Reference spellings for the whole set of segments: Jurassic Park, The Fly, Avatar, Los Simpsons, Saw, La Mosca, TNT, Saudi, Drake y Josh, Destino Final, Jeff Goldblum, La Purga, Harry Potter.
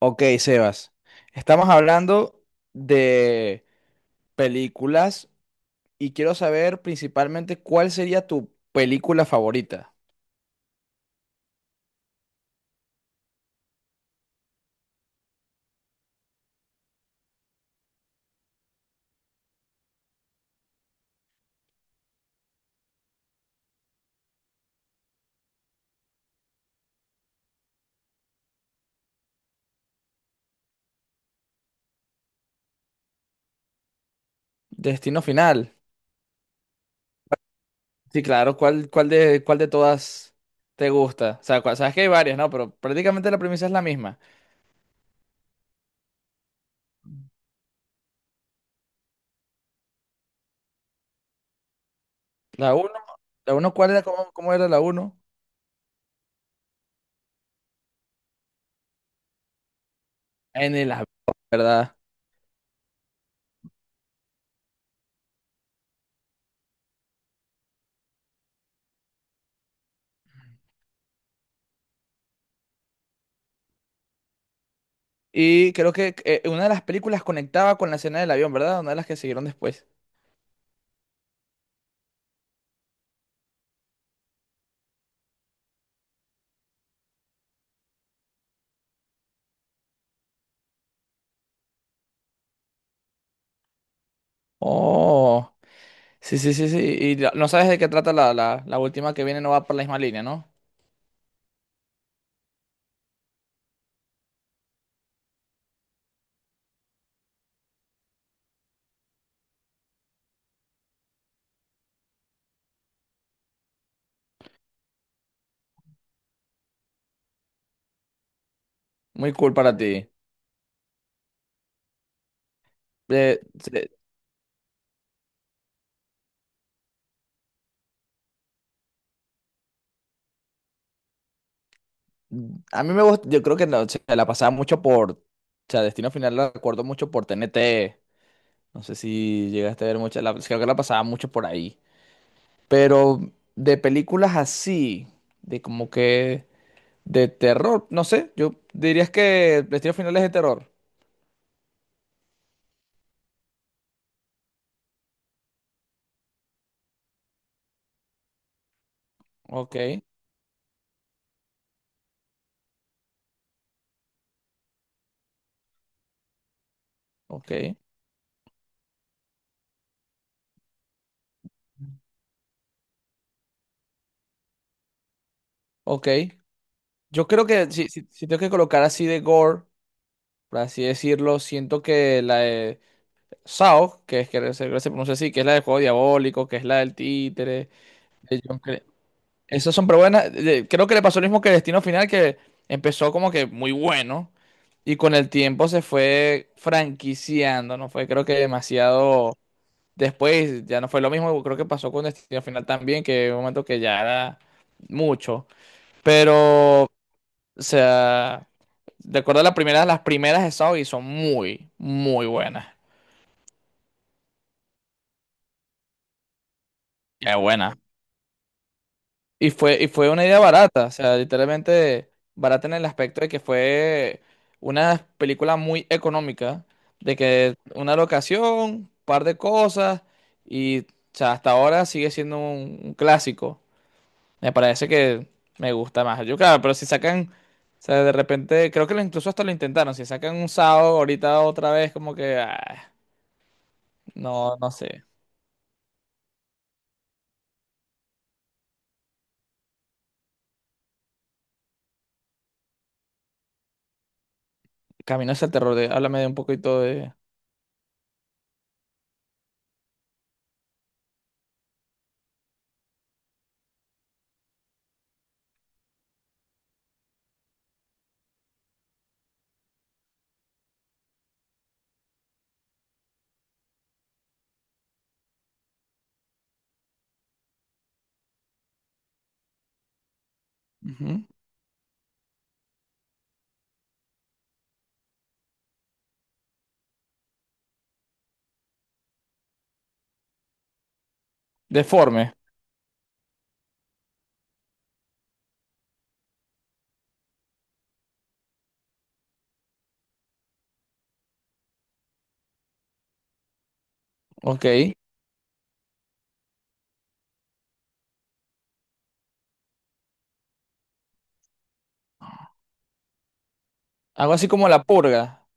Ok, Sebas, estamos hablando de películas y quiero saber principalmente cuál sería tu película favorita. Destino Final. Sí, claro, ¿cuál de todas te gusta? O sea, cua- sabes que hay varias, ¿no? Pero prácticamente la premisa es la misma. La uno, la uno, ¿cuál era? ¿Cómo era la uno? En el avión, ¿verdad? Y creo que una de las películas conectaba con la escena del avión, ¿verdad? Una de las que siguieron después. Oh. Sí. Y la- no sabes de qué trata la última que viene, no va por la misma línea, ¿no? Muy cool para ti. Se- a mí me gusta, yo creo que no, se la pasaba mucho por, o sea, Destino Final la recuerdo mucho por TNT. No sé si llegaste a ver mucho, la, creo que la pasaba mucho por ahí. Pero de películas así, de como que de terror, no sé, yo dirías que Destino Final es de terror. Ok, ok. Ok, yo creo que si tengo que colocar así de gore, por así decirlo, siento que la de Saw, que es que se pronuncia así, que es la del juego diabólico, que es la del títere, de John Cre- Esas son, pero buenas. Creo que le pasó lo mismo que Destino Final, que empezó como que muy bueno y con el tiempo se fue franquiciando, ¿no? Fue creo que demasiado. Después ya no fue lo mismo, creo que pasó con Destino Final también, que hubo un momento que ya era mucho. Pero o sea, de acuerdo a la primera, las primeras de Saudi son muy, muy buenas. Qué buena. Y fue una idea barata, o sea, literalmente barata en el aspecto de que fue una película muy económica, de que una locación, un par de cosas, y o sea, hasta ahora sigue siendo un clásico. Me parece que me gusta más. Yo, claro, pero si sacan, o sea, de repente, creo que lo- incluso hasta lo intentaron, si sacan un sábado ahorita otra vez, como que... ah. No, no sé. Camino hacia el terror. De- háblame de un poquito de. Ujú. Deforme. Ok. Algo así como La Purga.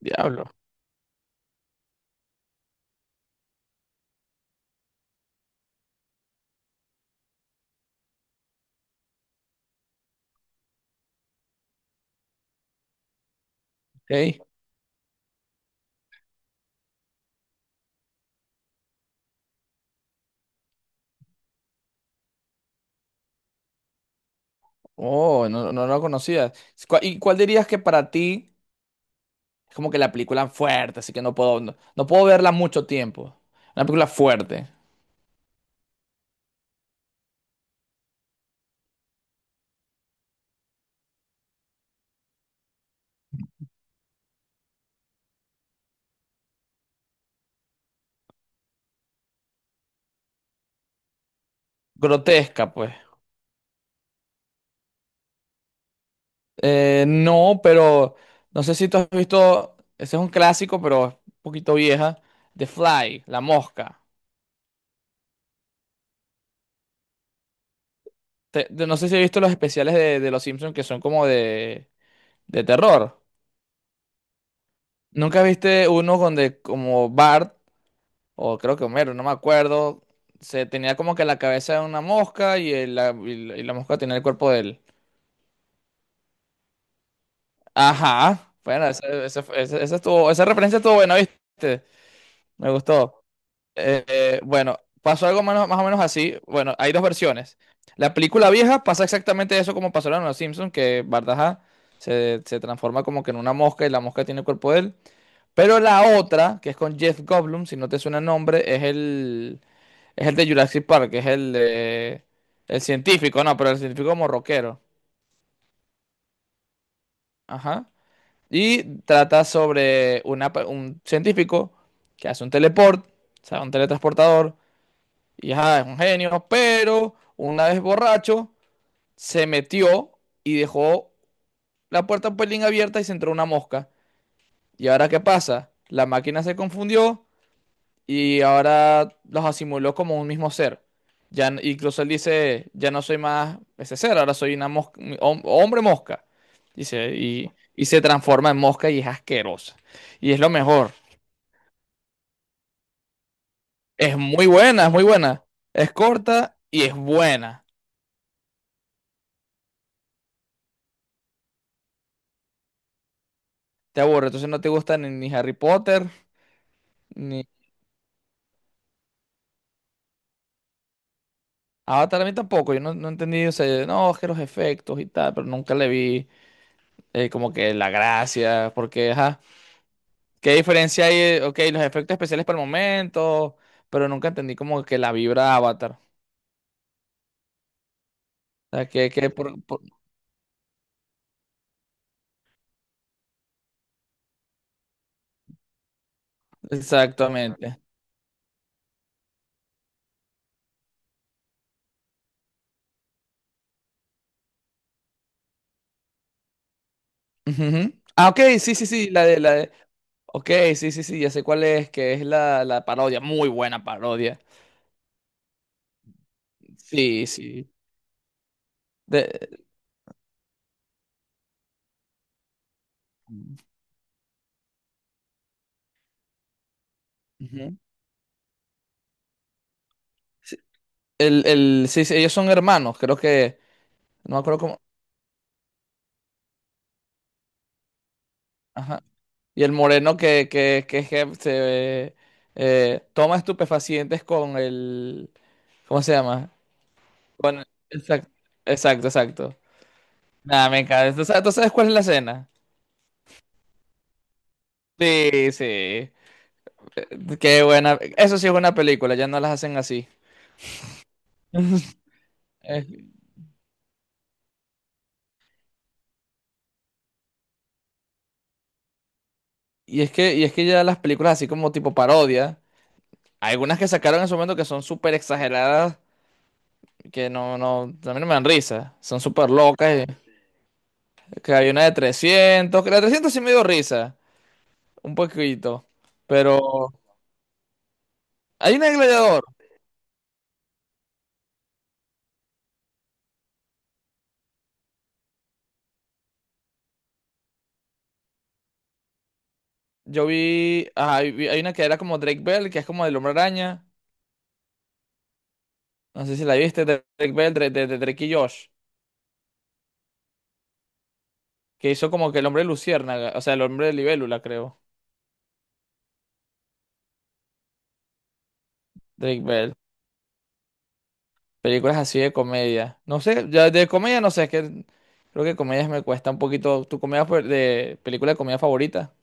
Diablo. Ok. Oh, no lo conocía. ¿Cuál- ¿Y cuál dirías que para ti es como que la película fuerte, así que no puedo, no, no puedo verla mucho tiempo? Una película fuerte. Grotesca, pues. No, pero no sé si tú has visto. Ese es un clásico, pero es un poquito vieja. The Fly, La Mosca. Te- de- no sé si has visto los especiales de Los Simpsons que son como de terror. ¿Nunca viste uno donde como Bart, o creo que Homero, no me acuerdo, se tenía como que la cabeza de una mosca y, el- la, y la- y la mosca tenía el cuerpo de él? Ajá. Bueno, esa estuvo, esa referencia estuvo buena, ¿viste? Me gustó. Bueno, pasó algo menos- más o menos así. Bueno, hay dos versiones. La película vieja pasa exactamente eso como pasó en Los Simpsons, que Bardaja se transforma como que en una mosca y la mosca tiene el cuerpo de él. Pero la otra, que es con Jeff Goldblum, si no te suena el nombre, es el de Jurassic Park, que es el de... El científico, no, pero el científico como rockero. Ajá. Y trata sobre una pe- un científico que hace un teleport, o sea, un teletransportador. Y ajá, es un genio, pero una vez borracho se metió y dejó la puerta un pelín abierta y se entró una mosca. ¿Y ahora qué pasa? La máquina se confundió y ahora los asimiló como un mismo ser. Ya, n- incluso él dice, ya no soy más ese ser, ahora soy una mosca, hom- hombre mosca. Dice, y se transforma en mosca y es asquerosa. Y es lo mejor. Es muy buena, es muy buena. Es corta y es buena. Te aburre, entonces no te gusta ni Harry Potter, ni Avatar a mí tampoco, yo no, no entendí, o sea, yo, no, es que los efectos y tal, pero nunca le vi como que la gracia, porque, ajá, ¿qué diferencia hay? Ok, los efectos especiales para el momento, pero nunca entendí como que la vibra Avatar, o sea, que por- exactamente. Ujú. Ah, la de, ok, sí, ya sé cuál es, que es la parodia, muy buena parodia, sí, sí, de... ujú. Sí, sí, ellos son hermanos, creo que, no me acuerdo cómo, ajá. Y el moreno es que se toma estupefacientes con el, ¿cómo se llama? Con, exacto, exacto. Nada, me encanta. ¿Tú sabes cuál es la escena? Sí, sí. Qué buena. Eso sí es buena película, ya no las hacen así. Eh, y es que, y es que ya las películas así como tipo parodia, hay algunas que sacaron en su momento que son súper exageradas que no, no, a mí no me dan risa. Son súper locas. Y- Que hay una de 300, que la de 300 sí me dio risa, un poquito. Pero hay una de Gladiador. Yo vi, ajá, vi- hay una que era como Drake Bell, que es como del Hombre Araña. No sé si la viste, de Drake Bell, de Drake y Josh. Que hizo como que el hombre luciérnaga, o sea, el hombre de libélula, creo. Drake Bell. Películas así de comedia. No sé, ya de comedia no sé, es que creo que comedias me cuesta un poquito. ¿Tu comedia fa- de película de comedia favorita?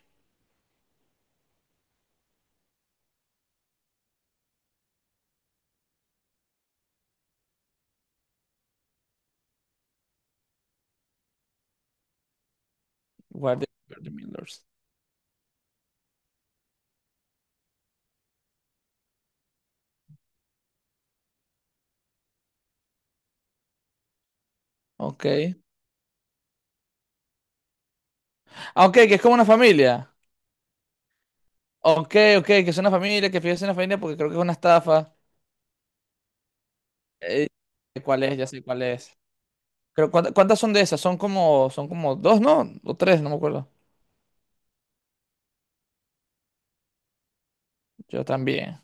Guardian. Ok. Ah, ok, que es como una familia. Ok, ok, que es una familia, que fíjese una familia porque creo que es una estafa. Eh, ¿Cuál es? Ya sé cuál es. Creo, ¿cuánta- ¿cuántas son de esas? Son como dos, ¿no? O tres, no me acuerdo. Yo también.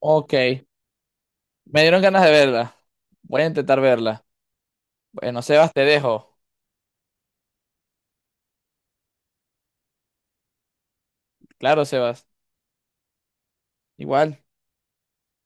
Ok. Me dieron ganas de verla. Voy a intentar verla. Bueno, Sebas, te dejo. Claro, Sebas. Igual.